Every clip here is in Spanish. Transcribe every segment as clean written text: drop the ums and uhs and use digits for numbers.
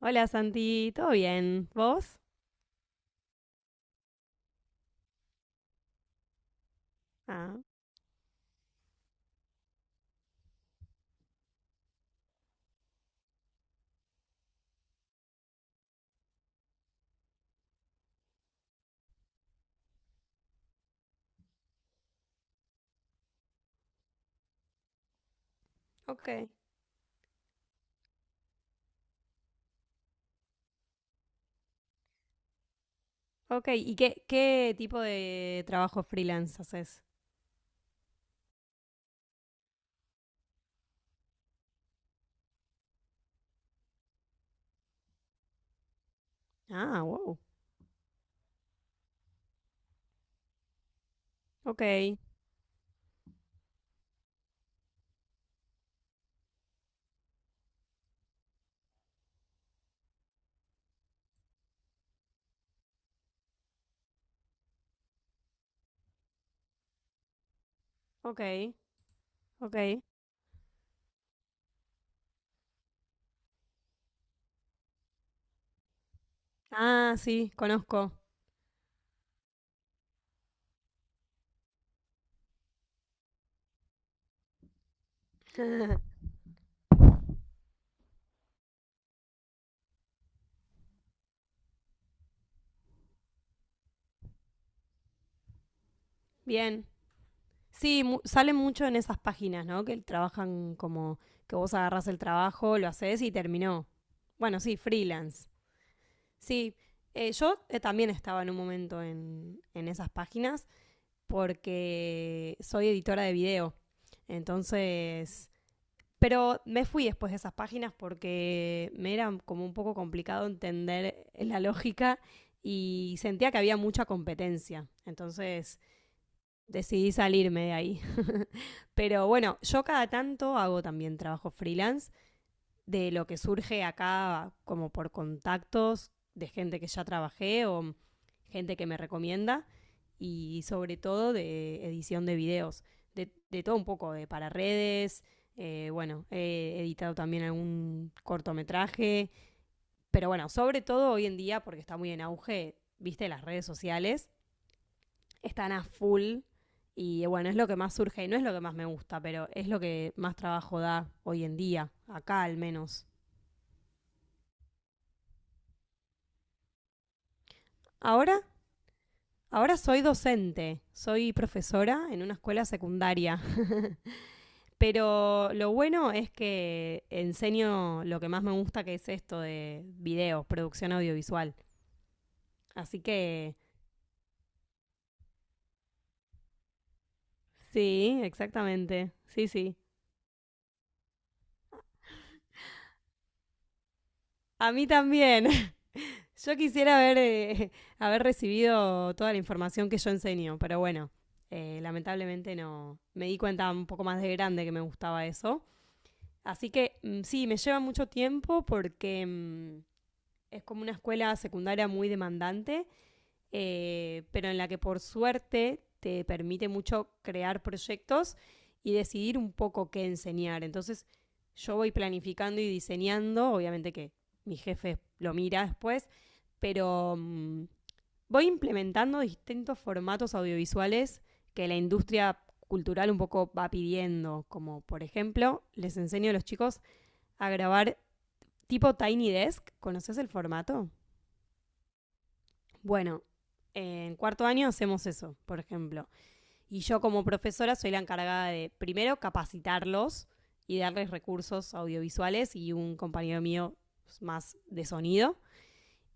Hola Santi, ¿todo bien? ¿Vos? Ah, Ok. Ok. ¿Y qué tipo de trabajo freelance haces? Ah, wow. Ok, ok, ok. Ah, sí, conozco. Bien. Sí, sale mucho en esas páginas, ¿no? Que trabajan como que vos agarrás el trabajo, lo haces y terminó. Bueno, sí, freelance. Sí, yo también estaba en un momento en esas páginas porque soy editora de video. Entonces, pero me fui después de esas páginas porque me era como un poco complicado entender la lógica y sentía que había mucha competencia. Entonces decidí salirme de ahí. Pero bueno, yo cada tanto hago también trabajo freelance de lo que surge acá como por contactos de gente que ya trabajé o gente que me recomienda y sobre todo de edición de videos, de todo un poco, de para redes, bueno, he editado también algún cortometraje, pero bueno, sobre todo hoy en día, porque está muy en auge, viste, las redes sociales están a full y bueno, es lo que más surge y no es lo que más me gusta, pero es lo que más trabajo da hoy en día, acá al menos. Ahora Ahora soy docente, soy profesora en una escuela secundaria. Pero lo bueno es que enseño lo que más me gusta, que es esto de videos, producción audiovisual. Así que sí, exactamente, sí, sí. A mí también. Yo quisiera haber, haber recibido toda la información que yo enseño, pero bueno, lamentablemente no. Me di cuenta un poco más de grande que me gustaba eso. Así que sí, me lleva mucho tiempo porque es como una escuela secundaria muy demandante, pero en la que por suerte te permite mucho crear proyectos y decidir un poco qué enseñar. Entonces yo voy planificando y diseñando, obviamente que mi jefe lo mira después, pero voy implementando distintos formatos audiovisuales que la industria cultural un poco va pidiendo, como por ejemplo les enseño a los chicos a grabar tipo Tiny Desk. ¿Conoces el formato? Bueno, en cuarto año hacemos eso, por ejemplo. Y yo como profesora soy la encargada de, primero, capacitarlos y darles recursos audiovisuales y un compañero mío más de sonido.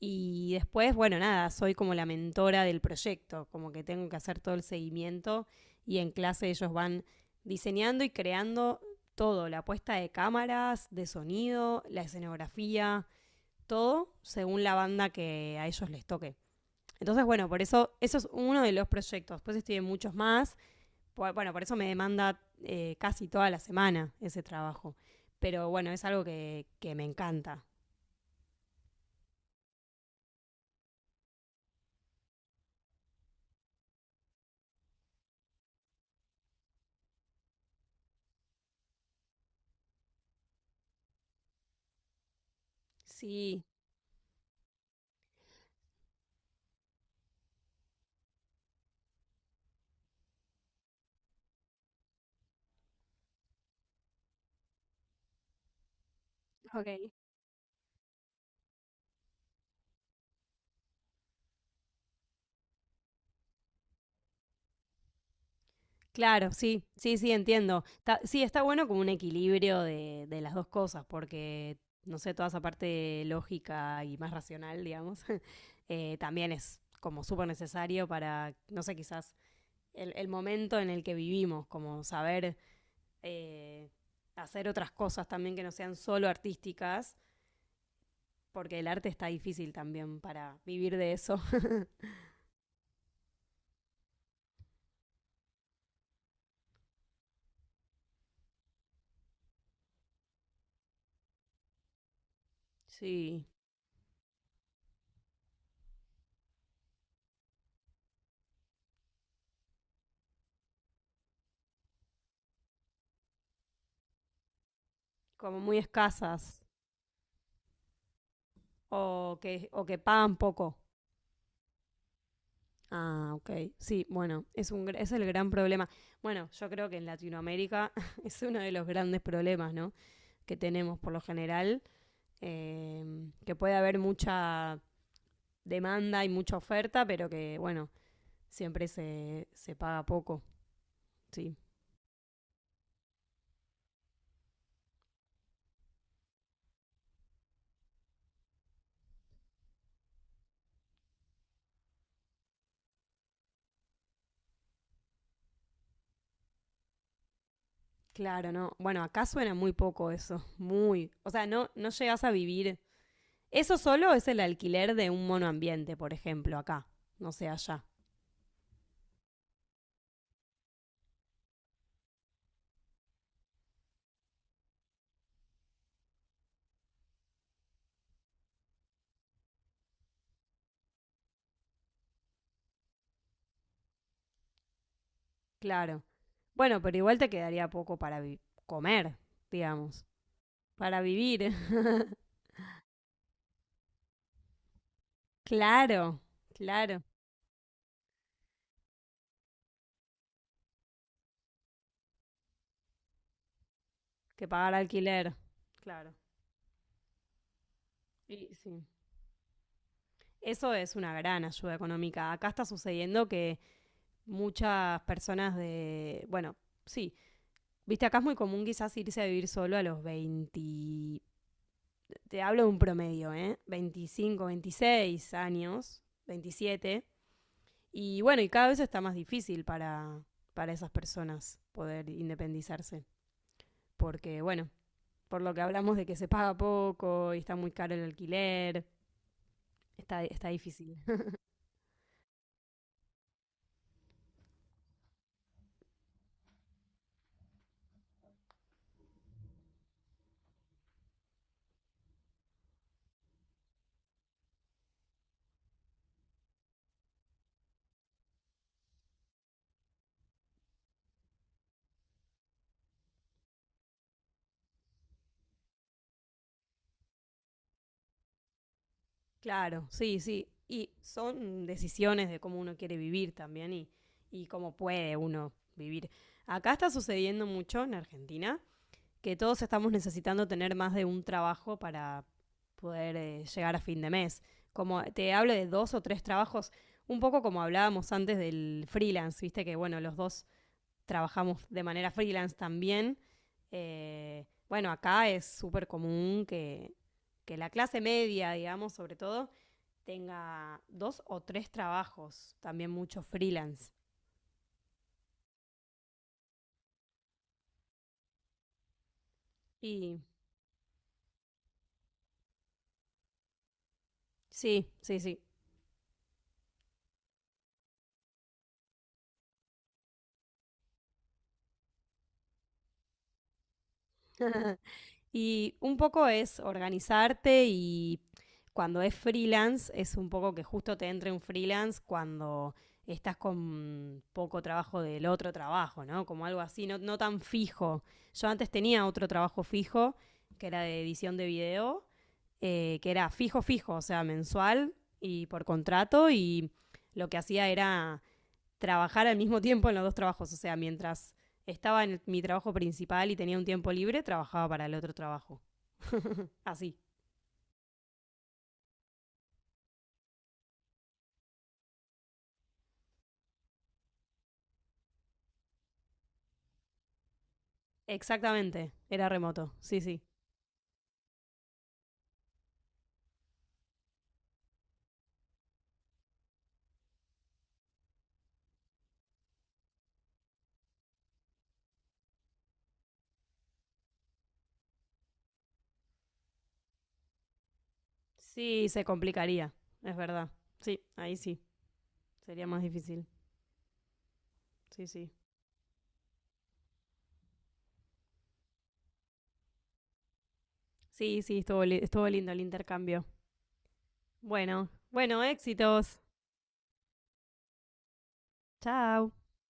Y después, bueno, nada, soy como la mentora del proyecto, como que tengo que hacer todo el seguimiento y en clase ellos van diseñando y creando todo, la puesta de cámaras, de sonido, la escenografía, todo según la banda que a ellos les toque. Entonces, bueno, por eso, eso es uno de los proyectos. Después estoy en muchos más. Bueno, por eso me demanda casi toda la semana ese trabajo. Pero bueno, es algo que me encanta. Sí, Ok. Claro, sí, sí, sí, entiendo. Sí, está bueno como un equilibrio de las dos cosas, porque, no sé, toda esa parte lógica y más racional, digamos. También es como súper necesario para, no sé, quizás el momento en el que vivimos, como saber eh, hacer otras cosas también que no sean solo artísticas, porque el arte está difícil también para vivir de eso. Sí, como muy escasas o que pagan poco. Ah, ok. Sí, bueno, es el gran problema. Bueno, yo creo que en Latinoamérica es uno de los grandes problemas, ¿no? Que tenemos por lo general, que puede haber mucha demanda y mucha oferta, pero que, bueno, siempre se paga poco, sí. Claro, no. Bueno, acá suena muy poco eso. Muy. O sea, no, no llegas a vivir. Eso solo es el alquiler de un monoambiente, por ejemplo, acá. No sé, allá. Claro. Bueno, pero igual te quedaría poco para comer, digamos. Para vivir. Claro, claro. Que pagar alquiler. Claro. Y sí. Eso es una gran ayuda económica. Acá está sucediendo que muchas personas bueno, sí, viste, acá es muy común quizás irse a vivir solo a los 20, te hablo de un promedio, ¿eh? 25, 26 años, 27. Y bueno, y cada vez está más difícil para esas personas poder independizarse. Porque bueno, por lo que hablamos de que se paga poco y está muy caro el alquiler, está, está difícil. Claro, sí, sí. Y son decisiones de cómo uno quiere vivir también y cómo puede uno vivir. Acá está sucediendo mucho en Argentina que todos estamos necesitando tener más de un trabajo para poder llegar a fin de mes. Como te hablo de dos o tres trabajos, un poco como hablábamos antes del freelance, viste que bueno, los dos trabajamos de manera freelance también. Bueno, acá es súper común que la clase media, digamos, sobre todo, tenga dos o tres trabajos, también mucho freelance. Y sí, sí, sí. Y un poco es organizarte y cuando es freelance es un poco que justo te entre un freelance cuando estás con poco trabajo del otro trabajo, ¿no? Como algo así, no, no tan fijo. Yo antes tenía otro trabajo fijo, que era de edición de video, que era fijo, fijo, o sea, mensual y por contrato, y lo que hacía era trabajar al mismo tiempo en los dos trabajos, o sea, mientras estaba en mi trabajo principal y tenía un tiempo libre, trabajaba para el otro trabajo. Así, exactamente, era remoto, sí, sí. Sí, se complicaría, es verdad. Sí, ahí sí, sería más difícil. Sí, sí. Sí, sí, estuvo, estuvo lindo el intercambio. Bueno, bueno, éxitos. Chao.